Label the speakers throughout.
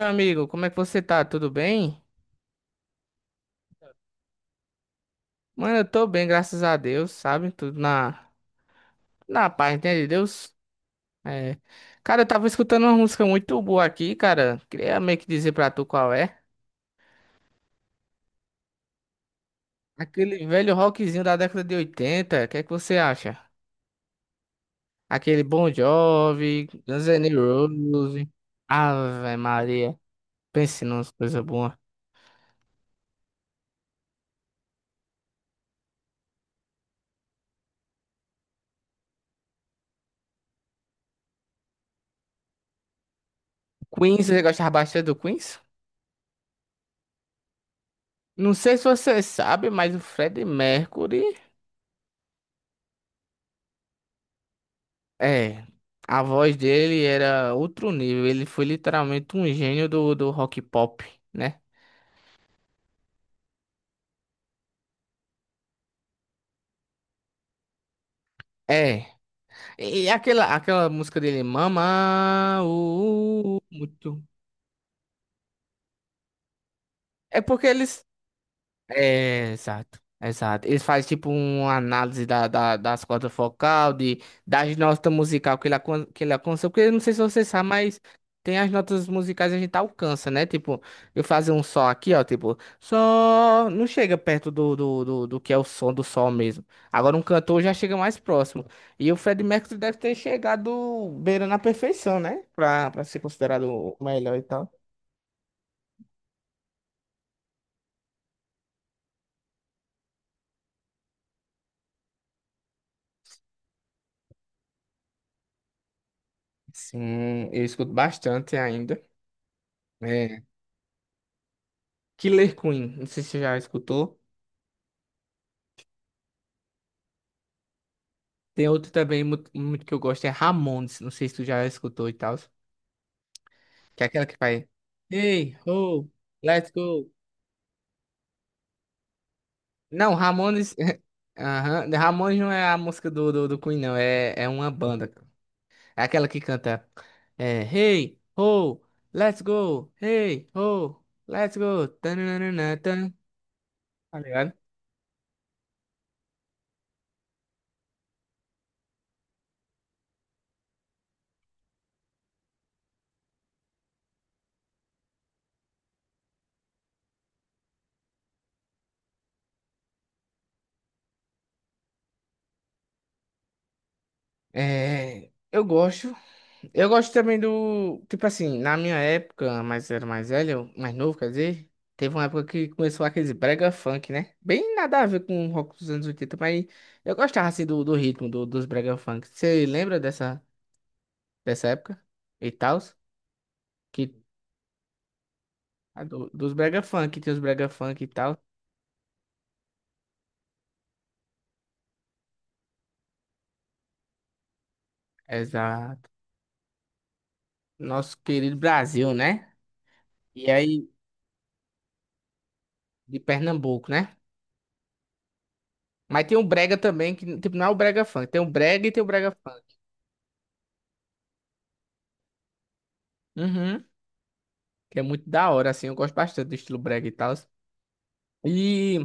Speaker 1: Meu amigo, como é que você tá? Tudo bem? Mano, eu tô bem, graças a Deus, sabe? Tudo na paz, entende? Deus. É. Cara, eu tava escutando uma música muito boa aqui, cara. Queria meio que dizer pra tu qual é. Aquele velho rockzinho da década de 80. O que é que você acha? Aquele Bon Jovi, Guns N' Roses. Ave Maria, pense numas coisas boas. Queens, você gostava bastante do Queens? Não sei se você sabe, mas o Freddie Mercury. É, a voz dele era outro nível. Ele foi literalmente um gênio do rock pop, né? É. E aquela música dele, Mama, muito. É porque ele, é, exato, exato. Eles fazem tipo uma análise das cordas focal, de, das notas musical que ele, que ele alcança, porque eu não sei se você sabe, mas tem as notas musicais que a gente alcança, né? Tipo, eu fazer um sol aqui, ó, tipo, só não chega perto do que é o som do sol mesmo. Agora um cantor já chega mais próximo. E o Freddie Mercury deve ter chegado beirando a perfeição, né? Pra ser considerado o melhor e tal. Sim, eu escuto bastante ainda. Killer Queen, não sei se você já escutou. Tem outro também muito, muito que eu gosto, é Ramones, não sei se tu já escutou e tal. Que é aquela que faz. Hey, ho, let's go. Não, Ramones. Aham, Ramones não é a música do Queen, não. É, é uma banda. É aquela que canta. É, hey, ho, let's go. Hey, ho, let's go. Tananana, tan. Tá ligado? É, eu gosto. Eu gosto também do. Tipo assim, na minha época, mas era mais velho, mais novo, quer dizer, teve uma época que começou aqueles brega funk, né? Bem nada a ver com o rock dos anos 80, mas eu gostava assim do, do ritmo dos brega funk. Você lembra dessa época? E tal? Que, a dos brega funk, tem os brega funk e tal. Exato. Nosso querido Brasil, né? E aí, de Pernambuco, né? Mas tem um brega também, que tipo, não é o brega funk, tem o brega e tem o brega funk. Uhum. Que é muito da hora, assim. Eu gosto bastante do estilo brega e tal. E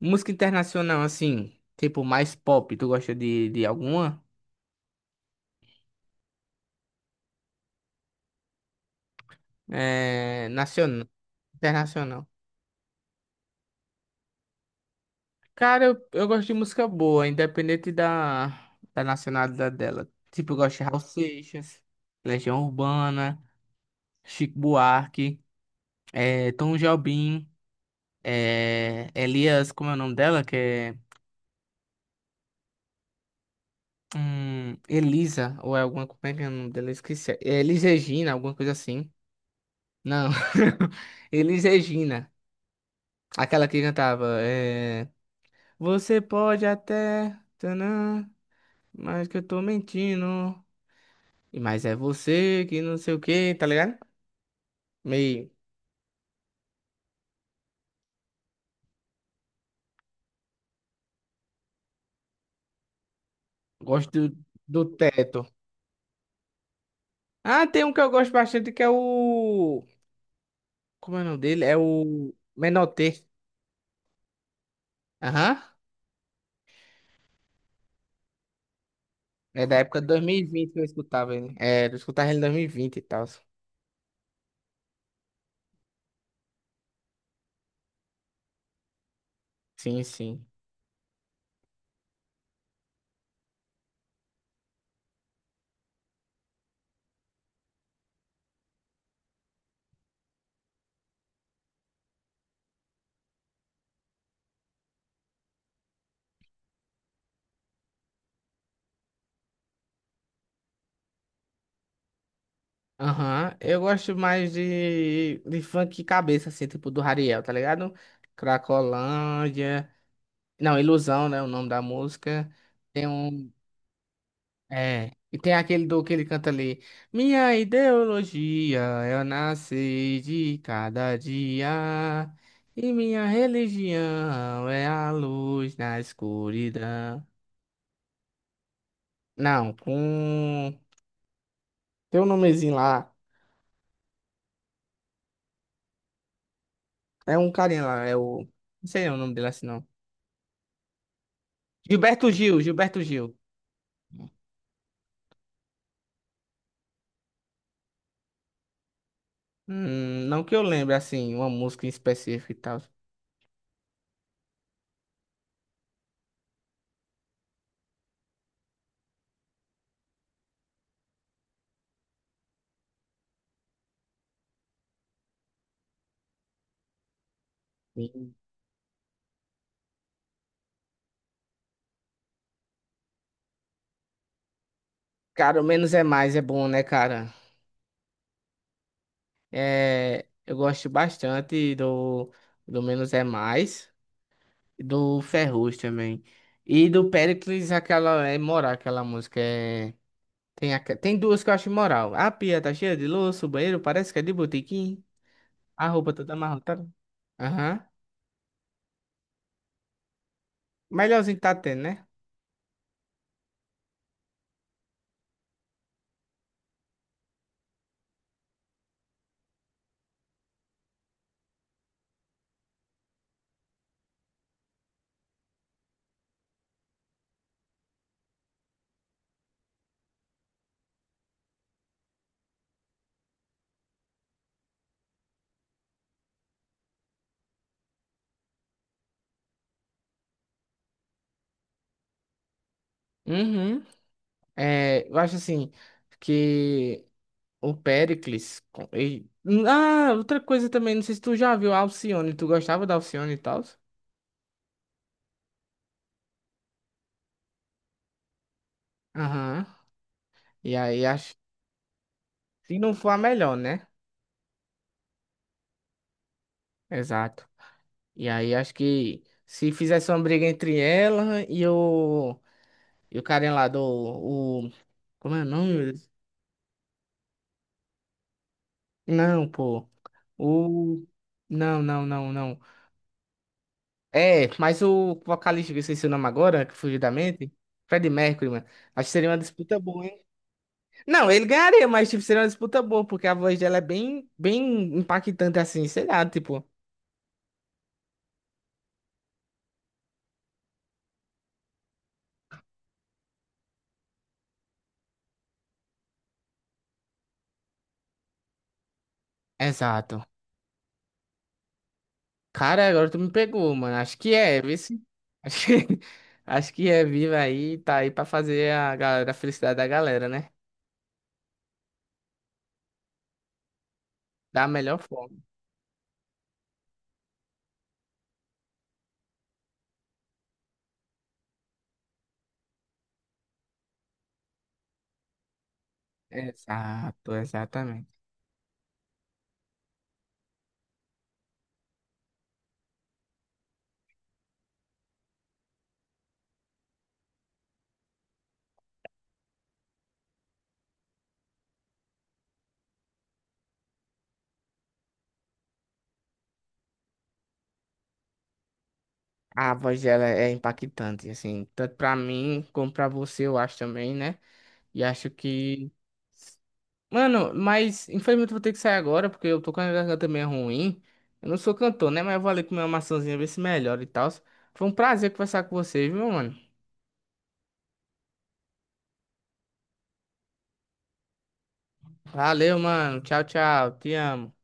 Speaker 1: música internacional, assim, tipo mais pop, tu gosta de alguma? É, nacional, internacional. Cara, eu gosto de música boa, independente da nacionalidade dela. Tipo, eu gosto de Raul Seixas, Legião Urbana, Chico Buarque, é, Tom Jobim, é, Elias, como é o nome dela? Que é Elisa, ou é alguma, como é que é o nome dela? Eu esqueci. É Elis Regina, alguma coisa assim. Não. Elis Regina. Aquela que cantava. É... Você pode até. Tanã, mas que eu tô mentindo. E mas é você que não sei o que, tá ligado? Meio. Gosto do teto. Ah, tem um que eu gosto bastante que é o. Como é o nome dele? É o Menotê. Aham. É da época de 2020 que eu escutava ele. É, eu escutava ele em 2020 e vinte e tal. Sim, sim. Aham, eu gosto mais de funk cabeça, assim, tipo do Rariel, tá ligado? Cracolândia, não, Ilusão, né, o nome da música. Tem um, é, e tem aquele do que ele canta ali. Minha ideologia, eu nasci de cada dia, e minha religião é a luz na escuridão. Não, com, tem um nomezinho lá, é um carinha lá, é o, não sei o nome dele assim, não. Gilberto Gil, Gilberto Gil. Não que eu lembre, assim, uma música em específico e tal. Sim. Cara, o menos é mais é bom, né, cara? É, eu gosto bastante do, do Menos é Mais, do Ferrugem também. E do Péricles, aquela é morar, aquela música é. Tem duas que eu acho imoral. A pia tá cheia de louça, o banheiro parece que é de botequim. A roupa toda amarrotada. Aham. Melhorzinho que tá tendo, né? Uhum. É, eu acho assim que o Péricles. Ah, outra coisa também, não sei se tu já viu a Alcione. Tu gostava da Alcione e tal? Aham. E aí acho. Se não for a melhor, né? Exato. E aí acho que se fizesse uma briga entre ela e o. E o carinha lá do. O... Como é o nome? Não, pô. O. Não, não, não, não. É, mas o vocalista, que eu esqueci o nome agora, que fugiu da mente. Freddie Mercury, mano. Acho que seria uma disputa boa, hein? Não, ele ganharia, mas tipo, seria uma disputa boa, porque a voz dela é bem, bem impactante assim, sei lá, tipo. Exato. Cara, agora tu me pegou, mano. Acho que é, vê se. Acho que, acho que é viva aí, tá aí pra fazer a galera, a felicidade da galera, né? Da melhor forma. Exato, exatamente. A voz dela é impactante, assim, tanto pra mim como pra você, eu acho também, né? E acho que. Mano, mas infelizmente eu vou ter que sair agora, porque eu tô com a garganta meio ruim. Eu não sou cantor, né? Mas eu vou ali comer uma maçãzinha, ver se melhora e tal. Foi um prazer conversar com você, viu, mano? Valeu, mano. Tchau, tchau. Te amo.